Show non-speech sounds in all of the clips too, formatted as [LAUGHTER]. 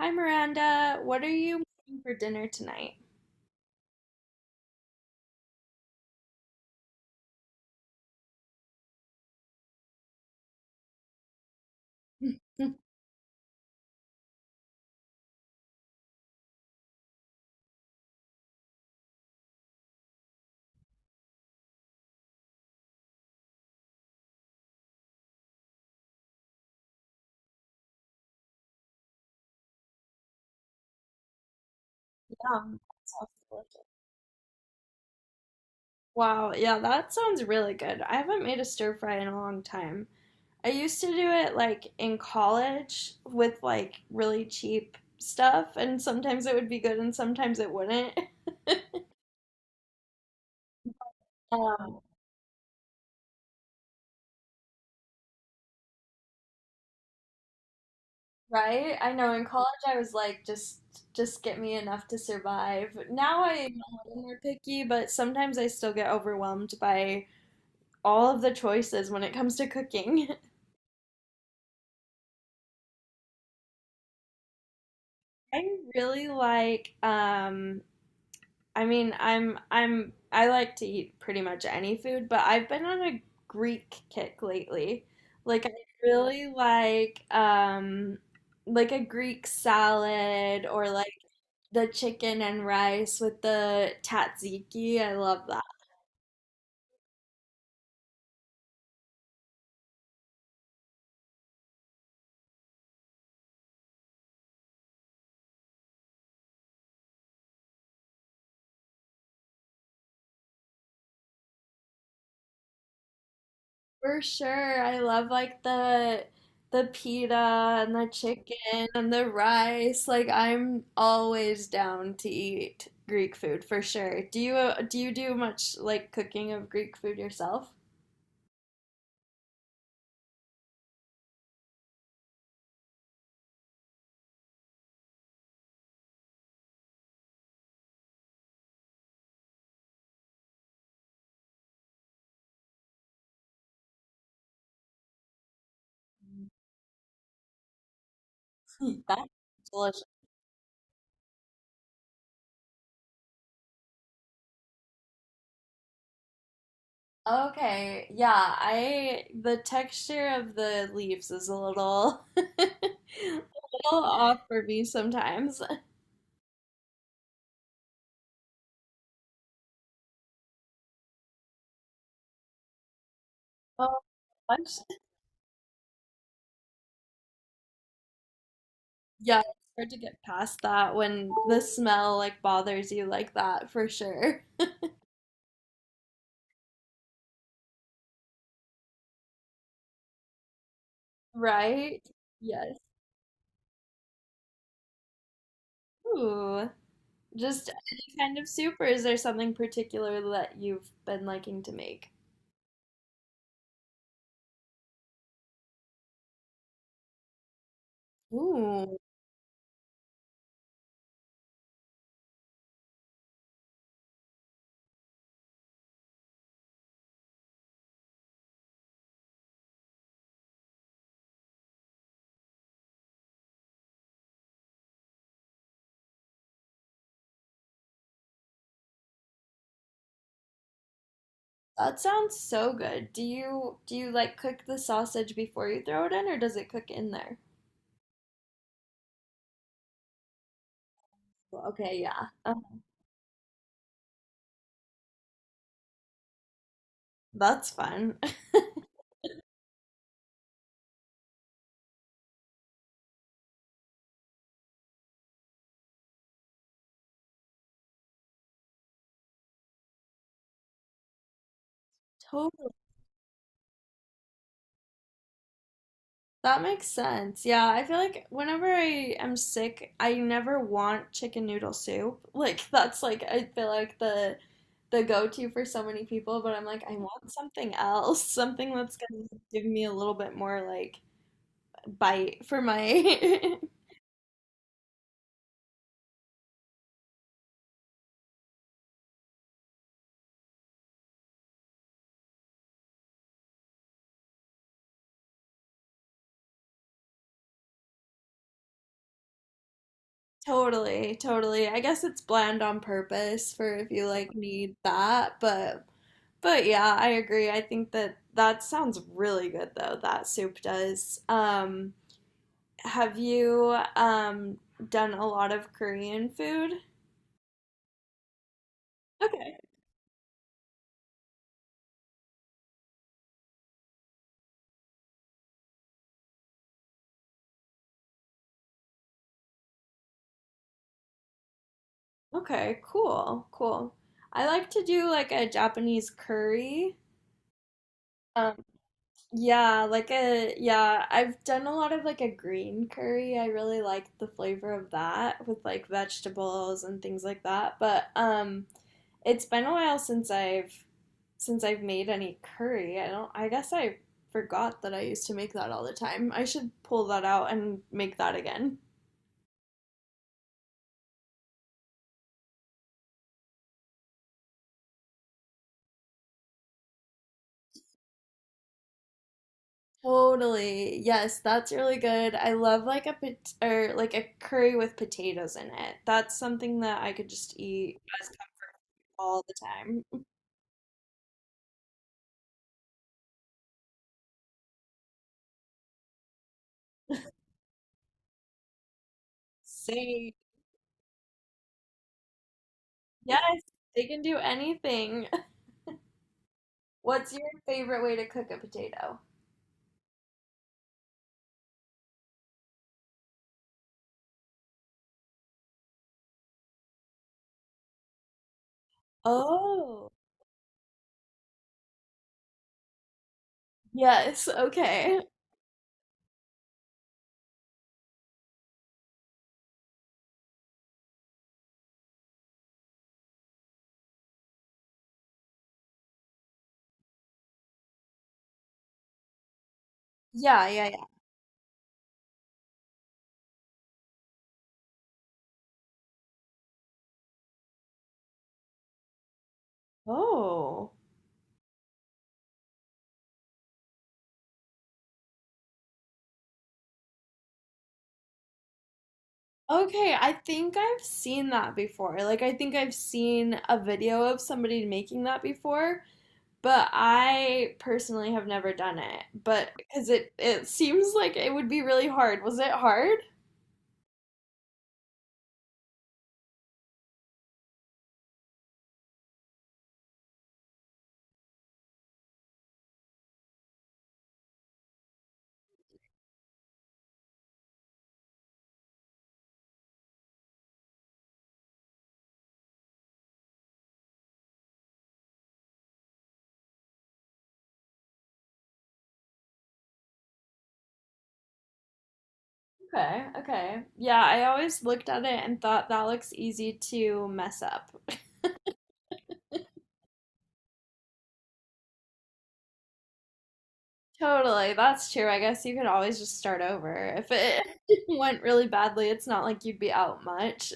Hi Miranda, what are you making for dinner tonight? [LAUGHS] Yum. That sounds delicious. Wow, yeah, that sounds really good. I haven't made a stir fry in a long time. I used to do it like in college with like really cheap stuff, and sometimes it would be good and sometimes it wouldn't. [LAUGHS] Um, right? I know in college I was like just get me enough to survive. Now I'm a little more picky, but sometimes I still get overwhelmed by all of the choices when it comes to cooking. [LAUGHS] I really like I mean, I'm I like to eat pretty much any food, but I've been on a Greek kick lately. Like I really like a Greek salad, or like the chicken and rice with the tzatziki. I love that. For sure. I love like the pita and the chicken and the rice. Like I'm always down to eat Greek food for sure. Do you do you do much like cooking of Greek food yourself? [LAUGHS] Hmm, that's delicious. Okay, yeah, I the texture of the leaves is a little [LAUGHS] a little off for me sometimes. [LAUGHS] Oh, yeah, it's hard to get past that when the smell like bothers you like that for sure. Right? Yes. Ooh. Just any kind of soup, or is there something particular that you've been liking to make? Ooh, that sounds so good. Do you like cook the sausage before you throw it in, or does it cook in there? Well, okay, yeah. That's fun. [LAUGHS] Totally. That makes sense. Yeah, I feel like whenever I am sick, I never want chicken noodle soup. [LAUGHS] Like that's like I feel like the go-to for so many people, but I'm like I want something else, [LAUGHS] something that's gonna give me a little bit more like bite for my [LAUGHS] totally, totally. I guess it's bland on purpose for if you like need that, but yeah, I agree. I think that that sounds really good though. That soup does. Have you done a lot of Korean food? Okay. Okay, cool. Cool. I like to do like a Japanese curry. Um yeah, like a yeah, I've done a lot of like a green curry. I really like the flavor of that with like vegetables and things like that. But it's been a while since I've made any curry. I don't I guess I forgot that I used to make that all the time. I should pull that out and make that again. Totally. Yes, that's really good. I love like a pot or like a curry with potatoes in it. That's something that I could just eat as comfort all the time. Say yes, they can do anything. [LAUGHS] What's your favorite way to cook a potato? Oh, yes, okay. Yeah, yeah, yeah. Oh. Okay, I think I've seen that before. Like I think I've seen a video of somebody making that before. But I personally have never done it. But because it seems like it would be really hard. Was it hard? Okay, okay. Yeah, I always looked at it and thought that looks easy to mess up. [LAUGHS] Totally, that's true. I guess you could always just start over. If it [LAUGHS] went really badly, it's not like you'd be out much.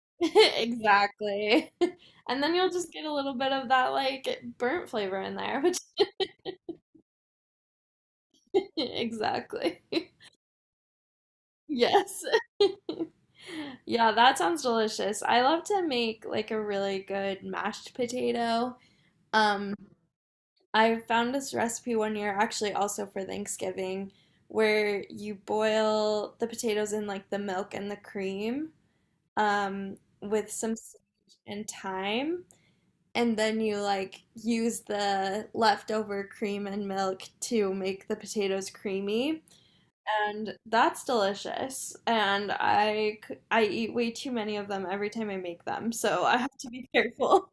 [LAUGHS] Exactly. [LAUGHS] And then you'll just get a little bit of that like burnt flavor in there, which [LAUGHS] exactly. [LAUGHS] Yes. [LAUGHS] Yeah, that sounds delicious. I love to make like a really good mashed potato. Um, I found this recipe one year actually also for Thanksgiving, where you boil the potatoes in like the milk and the cream um with some sage and thyme, and then you like use the leftover cream and milk to make the potatoes creamy, and that's delicious, and I eat way too many of them every time I make them, so I have to be careful.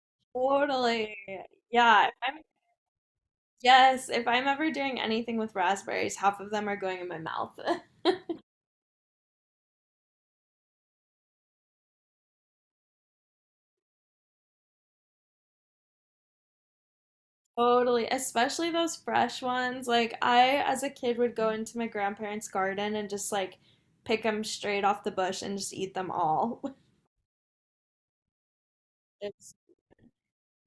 [LAUGHS] Totally. Yeah, if I'm yes, if I'm ever doing anything with raspberries, half of them are going in my mouth. [LAUGHS] Totally, especially those fresh ones. Like I, as a kid, would go into my grandparents' garden and just like pick them straight off the bush and just eat them all. [LAUGHS] It's-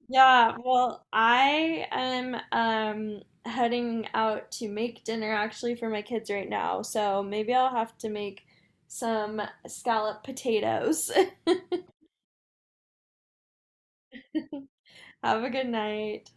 yeah, well, I am heading out to make dinner actually for my kids right now, so maybe I'll have to make some scallop potatoes. [LAUGHS] Have a good night.